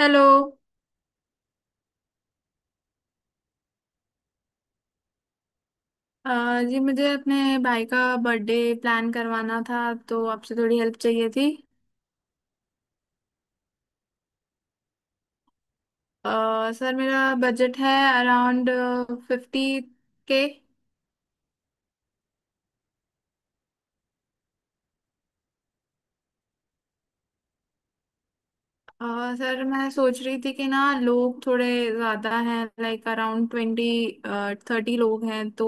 Hello. अ, जी मुझे अपने भाई का बर्थडे प्लान करवाना था, तो आपसे थोड़ी हेल्प चाहिए थी। अ, सर मेरा बजट है अराउंड 50 के। सर मैं सोच रही थी कि ना लोग थोड़े ज़्यादा हैं, लाइक अराउंड 20-30 लोग हैं, तो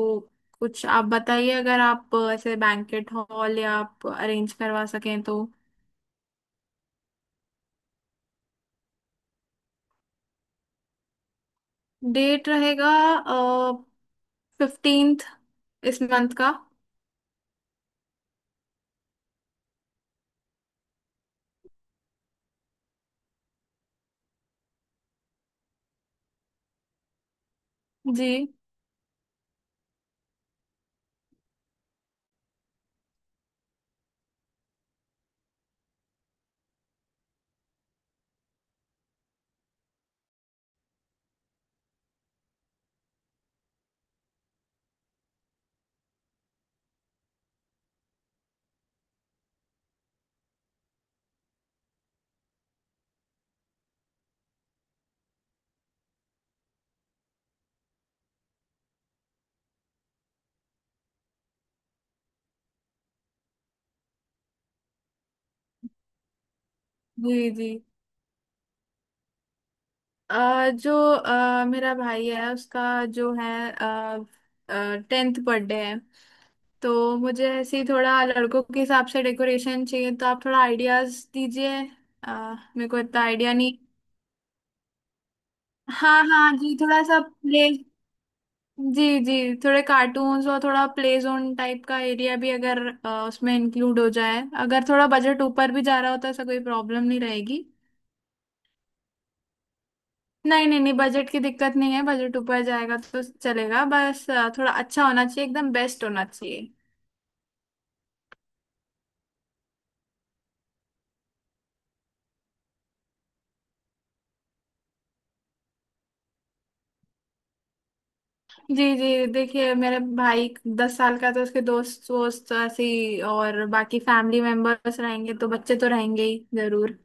कुछ आप बताइए, अगर आप ऐसे बैंकेट हॉल या आप अरेंज करवा सकें तो। डेट रहेगा 15th, इस मंथ का। जी जी जी। जो मेरा भाई है, उसका जो है, 10th बर्थडे है, तो मुझे ऐसे ही थोड़ा लड़कों के हिसाब से डेकोरेशन चाहिए, तो आप थोड़ा आइडियाज दीजिए। अ, मेरे को इतना आइडिया नहीं। हाँ हाँ जी, थोड़ा सा प्ले। जी जी, थोड़े कार्टून्स और थोड़ा प्ले जोन टाइप का एरिया भी अगर उसमें इंक्लूड हो जाए, अगर थोड़ा बजट ऊपर भी जा रहा होता है, ऐसा कोई प्रॉब्लम नहीं रहेगी। नहीं नहीं नहीं, बजट की दिक्कत नहीं है, बजट ऊपर जाएगा तो चलेगा, बस थोड़ा अच्छा होना चाहिए, एकदम बेस्ट होना चाहिए। जी जी, देखिए मेरे भाई 10 साल का, तो उसके दोस्त वोस्त ऐसे ही, और बाकी फैमिली मेंबर्स रहेंगे, तो बच्चे तो रहेंगे ही जरूर।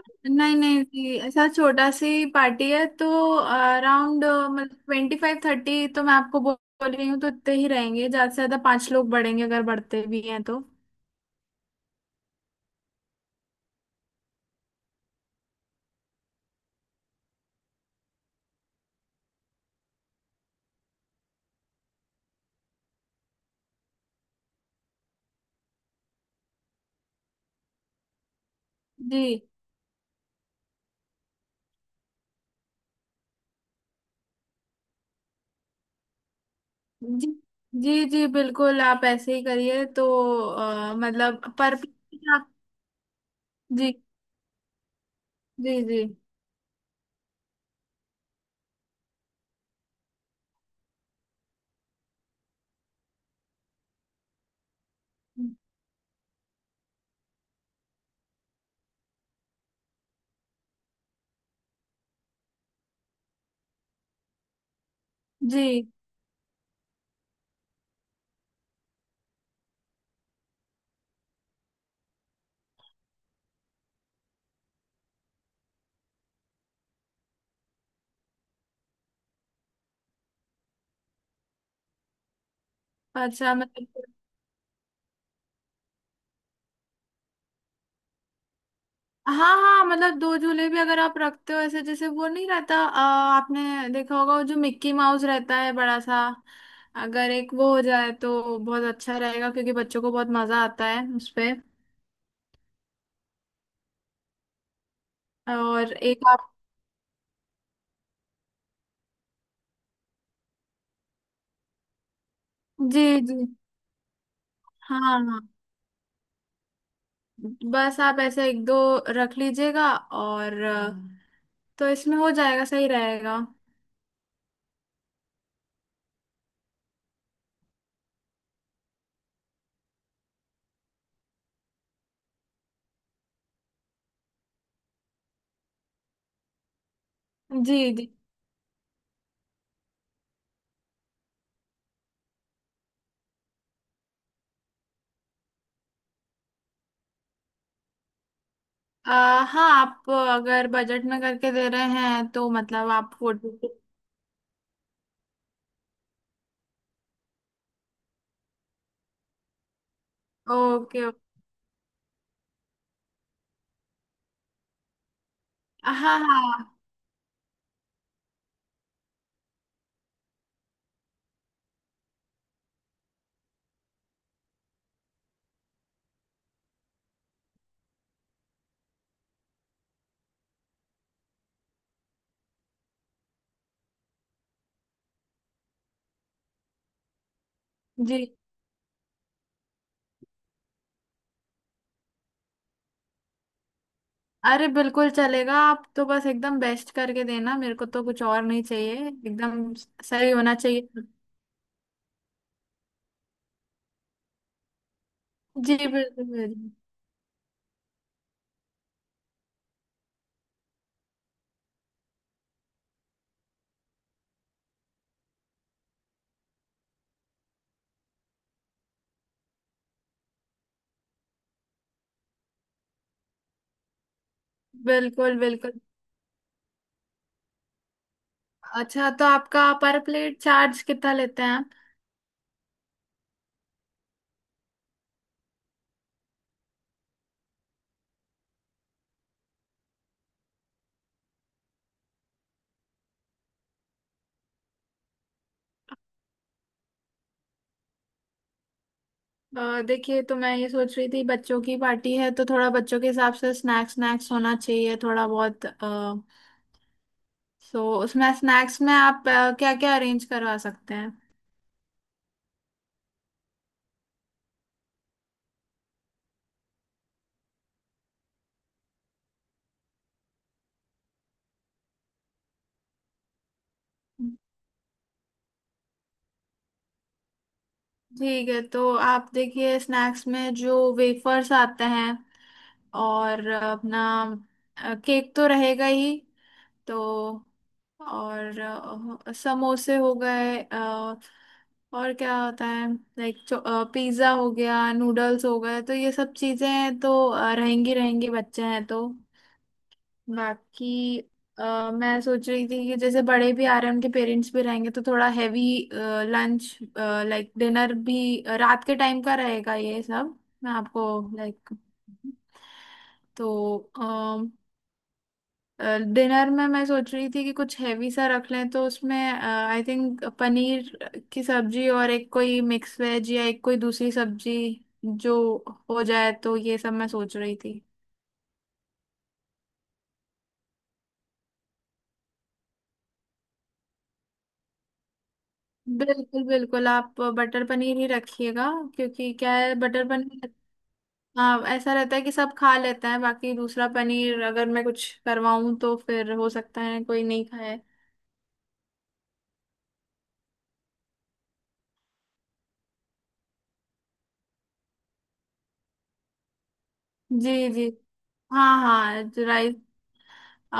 नहीं नहीं जी, ऐसा छोटा सी पार्टी है, तो अराउंड मतलब 25-30, तो मैं आपको बोल बोल रही हूँ, तो इतने ही रहेंगे, ज्यादा से ज्यादा पांच लोग बढ़ेंगे अगर बढ़ते भी हैं तो। जी जी जी जी, बिल्कुल आप ऐसे ही करिए, तो मतलब पर जी जी जी जी। अच्छा मतलब। हाँ हाँ, मतलब दो झूले भी अगर आप रखते हो, ऐसे जैसे वो नहीं रहता, आपने देखा होगा वो जो मिक्की माउस रहता है बड़ा सा, अगर एक वो हो जाए तो बहुत अच्छा रहेगा, क्योंकि बच्चों को बहुत मजा आता है उसपे। और एक आप। जी जी, हाँ हाँ, बस आप ऐसे एक दो रख लीजिएगा, और तो इसमें हो जाएगा, सही रहेगा। जी जी। आ, हाँ आप अगर बजट में करके दे रहे हैं तो मतलब आप फोटो। ओके ओके, हाँ हाँ जी, अरे बिल्कुल चलेगा, आप तो बस एकदम बेस्ट करके देना, मेरे को तो कुछ और नहीं चाहिए, एकदम सही होना चाहिए। जी बिल्कुल बिल्कुल। बिल्कुल बिल्कुल। अच्छा, तो आपका पर प्लेट चार्ज कितना लेते हैं? देखिए तो मैं ये सोच रही थी, बच्चों की पार्टी है तो थोड़ा बच्चों के हिसाब से स्नैक्स स्नैक्स होना चाहिए, थोड़ा बहुत। सो उसमें स्नैक्स में आप क्या क्या अरेंज करवा सकते हैं? ठीक है, तो आप देखिए स्नैक्स में जो वेफर्स आते हैं, और अपना केक तो रहेगा ही, तो और समोसे हो गए, और क्या होता है, लाइक पिज्ज़ा हो गया, नूडल्स हो गए, तो ये सब चीज़ें तो रहेंगी रहेंगी, बच्चे हैं तो। बाकी मैं सोच रही थी कि जैसे बड़े भी आ रहे हैं, उनके पेरेंट्स भी रहेंगे, तो थोड़ा हैवी लंच, लाइक डिनर भी रात के टाइम का रहेगा ये सब, मैं आपको लाइक, तो डिनर में मैं सोच रही थी कि कुछ हैवी सा रख लें, तो उसमें आई थिंक पनीर की सब्जी, और एक कोई मिक्स वेज या एक कोई दूसरी सब्जी जो हो जाए, तो ये सब मैं सोच रही थी। बिल्कुल बिल्कुल, आप बटर पनीर ही रखिएगा, क्योंकि क्या है, बटर पनीर। हाँ ऐसा रहता है कि सब खा लेते हैं, बाकी दूसरा पनीर अगर मैं कुछ करवाऊं तो फिर हो सकता है कोई नहीं खाए। जी जी, हाँ हाँ राइस,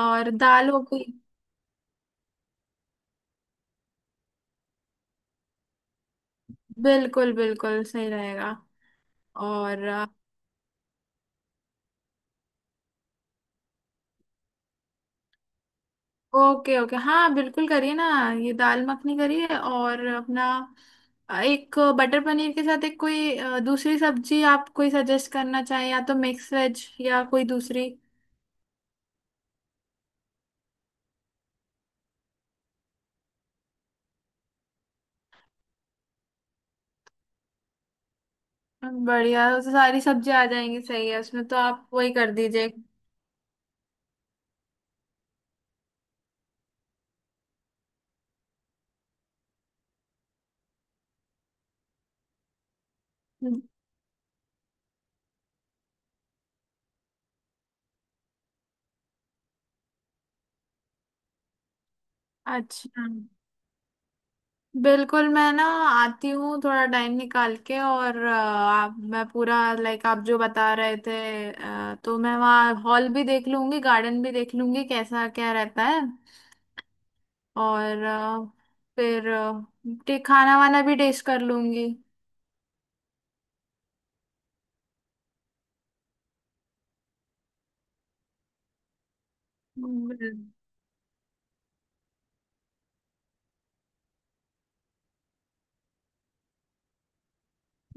और दाल हो गई। बिल्कुल बिल्कुल सही रहेगा। और ओके ओके, हाँ बिल्कुल करिए ना, ये दाल मखनी करिए, और अपना एक बटर पनीर के साथ एक कोई दूसरी सब्जी आप कोई सजेस्ट करना चाहें, या तो मिक्स वेज या कोई दूसरी। बढ़िया, सारी सब्जियां आ जाएंगी, सही है उसमें, तो आप वही कर दीजिए। हम्म, अच्छा, बिल्कुल, मैं ना आती हूँ थोड़ा टाइम निकाल के, और आप मैं पूरा, लाइक आप जो बता रहे थे, तो मैं वहाँ हॉल भी देख लूंगी, गार्डन भी देख लूंगी कैसा क्या रहता है, और फिर खाना वाना भी टेस्ट कर लूंगी। बिल-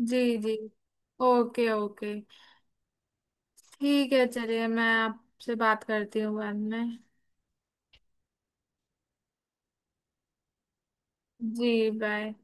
जी जी ओके ओके, ठीक है चलिए, मैं आपसे बात करती हूँ बाद में। जी बाय।